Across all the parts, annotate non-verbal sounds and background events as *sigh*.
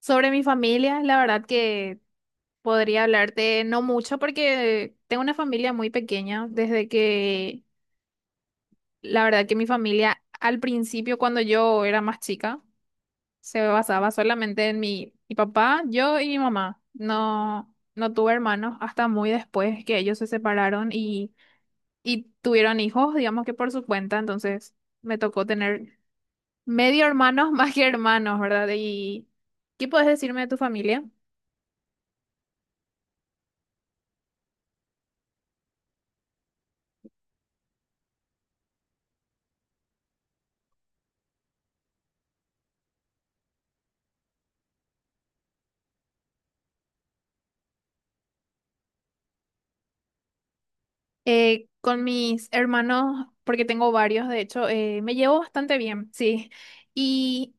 Sobre mi familia, la verdad que podría hablarte no mucho porque tengo una familia muy pequeña, desde que la verdad que mi familia al principio cuando yo era más chica se basaba solamente en mi papá, yo y mi mamá. No, no tuve hermanos hasta muy después que ellos se separaron y tuvieron hijos, digamos que por su cuenta, entonces me tocó tener medio hermanos *laughs* más que hermanos, ¿verdad? ¿Y qué puedes decirme de tu familia? Con mis hermanos, porque tengo varios, de hecho, me llevo bastante bien, sí. Y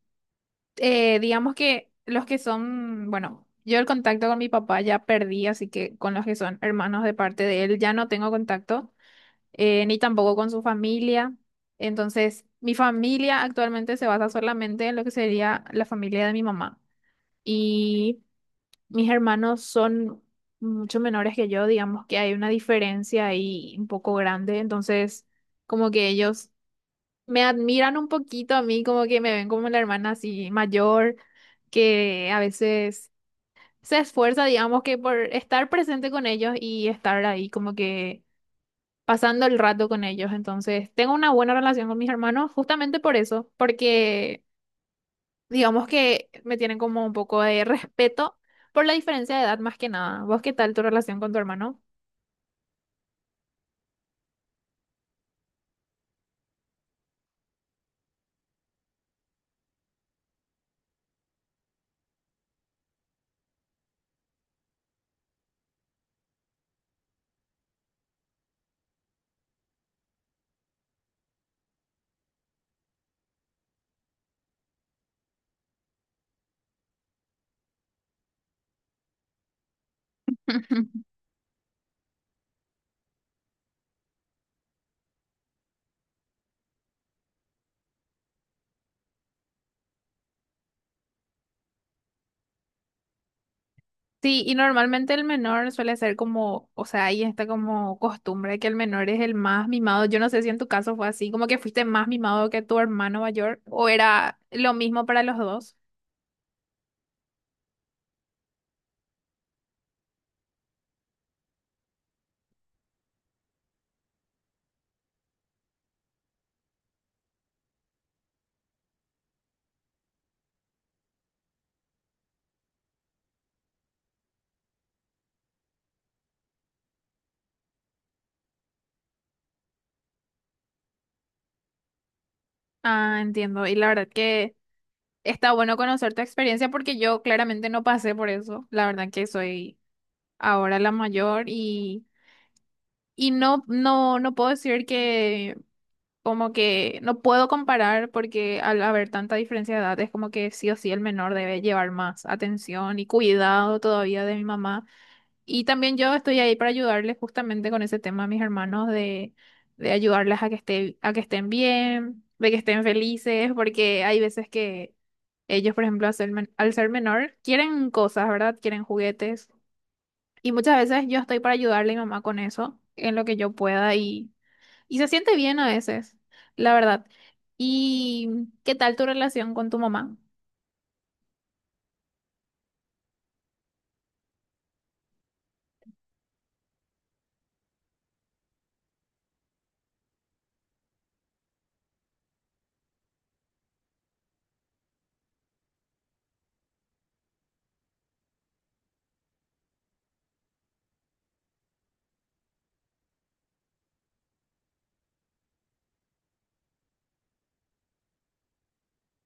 digamos que los que son, bueno, yo el contacto con mi papá ya perdí, así que con los que son hermanos de parte de él ya no tengo contacto, ni tampoco con su familia. Entonces, mi familia actualmente se basa solamente en lo que sería la familia de mi mamá. Y mis hermanos son mucho menores que yo, digamos que hay una diferencia ahí un poco grande, entonces como que ellos me admiran un poquito a mí, como que me ven como la hermana así mayor, que a veces se esfuerza, digamos que por estar presente con ellos y estar ahí como que pasando el rato con ellos, entonces tengo una buena relación con mis hermanos justamente por eso, porque digamos que me tienen como un poco de respeto por la diferencia de edad más que nada. ¿Vos qué tal tu relación con tu hermano? *laughs* Sí, y normalmente el menor suele ser como, o sea, ahí está como costumbre que el menor es el más mimado. Yo no sé si en tu caso fue así, como que fuiste más mimado que tu hermano mayor, o era lo mismo para los dos. Ah, entiendo. Y la verdad que está bueno conocer tu experiencia porque yo claramente no pasé por eso. La verdad que soy ahora la mayor. Y no, no, no puedo decir que como que no puedo comparar porque al haber tanta diferencia de edad es como que sí o sí el menor debe llevar más atención y cuidado todavía de mi mamá. Y también yo estoy ahí para ayudarles justamente con ese tema a mis hermanos de ayudarles a que esté, a que estén bien, de que estén felices, porque hay veces que ellos, por ejemplo, al ser, al ser menor, quieren cosas, ¿verdad? Quieren juguetes. Y muchas veces yo estoy para ayudarle a mi mamá con eso, en lo que yo pueda y se siente bien a veces, la verdad. ¿Y qué tal tu relación con tu mamá?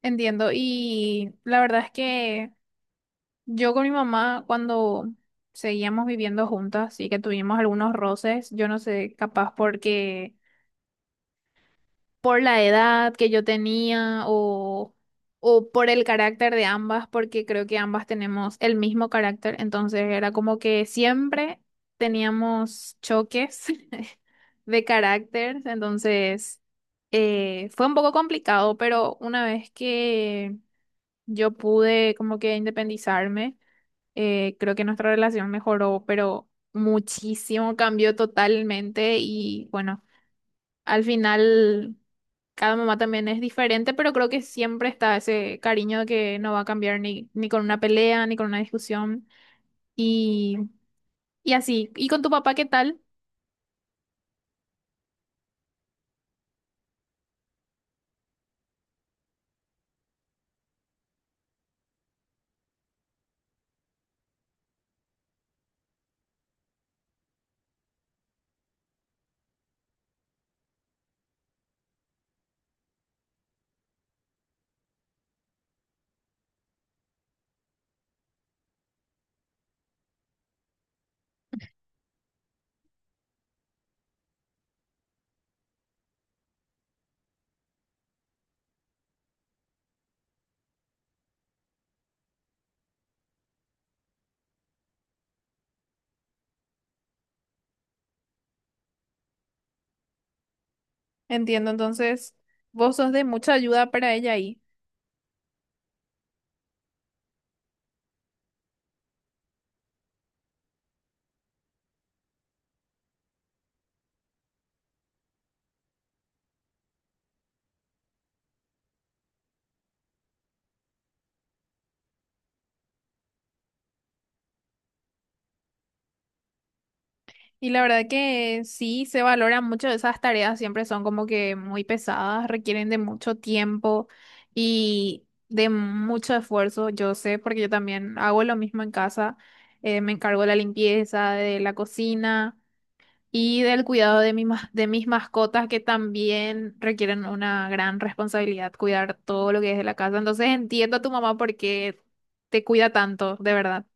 Entiendo. Y la verdad es que yo con mi mamá, cuando seguíamos viviendo juntas y que tuvimos algunos roces, yo no sé, capaz porque por la edad que yo tenía o por el carácter de ambas, porque creo que ambas tenemos el mismo carácter, entonces era como que siempre teníamos choques *laughs* de carácter, entonces fue un poco complicado, pero una vez que yo pude como que independizarme, creo que nuestra relación mejoró, pero muchísimo, cambió totalmente y bueno. Al final cada mamá también es diferente, pero creo que siempre está ese cariño que no va a cambiar ni, ni con una pelea, ni con una discusión. Y, y así. ¿Y con tu papá qué tal? Entiendo, entonces vos sos de mucha ayuda para ella ahí. Y la verdad que sí, se valoran mucho esas tareas, siempre son como que muy pesadas, requieren de mucho tiempo y de mucho esfuerzo. Yo sé, porque yo también hago lo mismo en casa, me encargo de la limpieza, de la cocina. Y del cuidado de de mis mascotas que también requieren una gran responsabilidad, cuidar todo lo que es de la casa. Entonces entiendo a tu mamá por qué te cuida tanto, de verdad.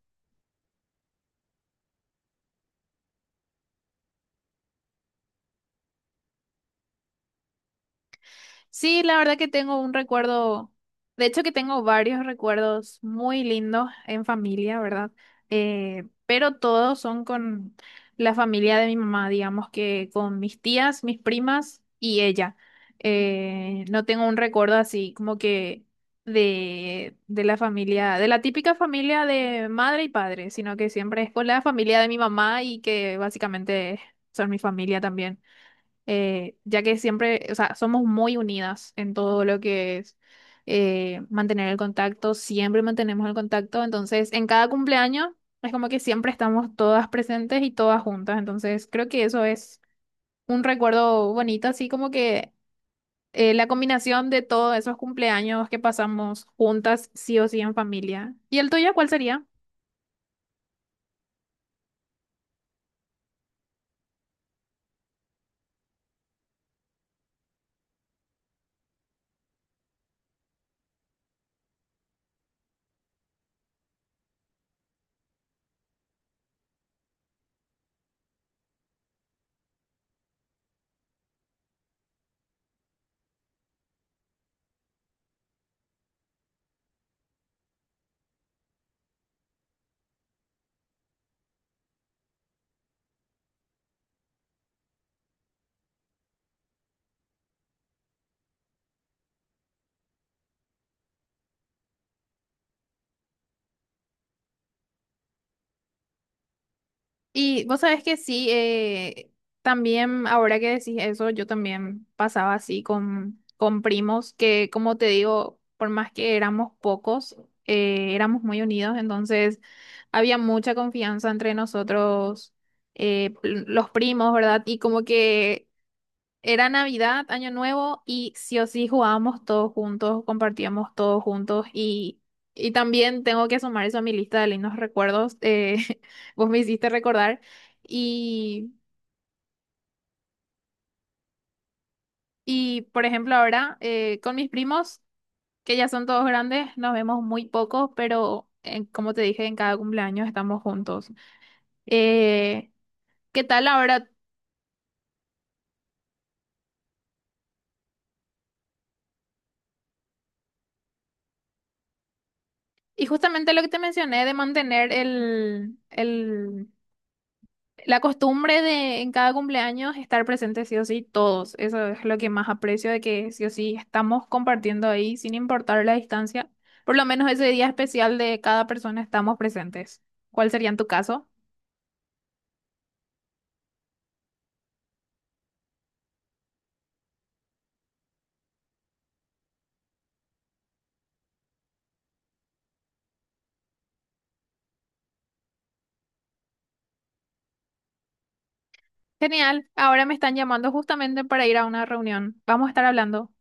Sí, la verdad que tengo un recuerdo, de hecho que tengo varios recuerdos muy lindos en familia, ¿verdad? Pero todos son con la familia de mi mamá, digamos que con mis tías, mis primas y ella. No tengo un recuerdo así como que de la familia, de la típica familia de madre y padre, sino que siempre es con la familia de mi mamá y que básicamente son mi familia también ya que siempre, o sea, somos muy unidas en todo lo que es mantener el contacto, siempre mantenemos el contacto, entonces en cada cumpleaños es como que siempre estamos todas presentes y todas juntas, entonces creo que eso es un recuerdo bonito, así como que la combinación de todos esos cumpleaños que pasamos juntas, sí o sí en familia. ¿Y el tuyo cuál sería? Y vos sabés que sí, también ahora que decís eso, yo también pasaba así con primos que, como te digo, por más que éramos pocos, éramos muy unidos, entonces había mucha confianza entre nosotros, los primos, ¿verdad? Y como que era Navidad, Año Nuevo y sí o sí jugábamos todos juntos, compartíamos todos juntos y también tengo que sumar eso a mi lista de lindos recuerdos. *laughs* Vos me hiciste recordar y, y por ejemplo ahora con mis primos, que ya son todos grandes, nos vemos muy poco, pero como te dije, en cada cumpleaños estamos juntos. Eh, ¿Qué tal ahora? Y justamente lo que te mencioné de mantener el la costumbre de en cada cumpleaños estar presentes sí o sí todos, eso es lo que más aprecio de que sí o sí estamos compartiendo ahí sin importar la distancia. Por lo menos ese día especial de cada persona estamos presentes. ¿Cuál sería en tu caso? Genial, ahora me están llamando justamente para ir a una reunión. Vamos a estar hablando.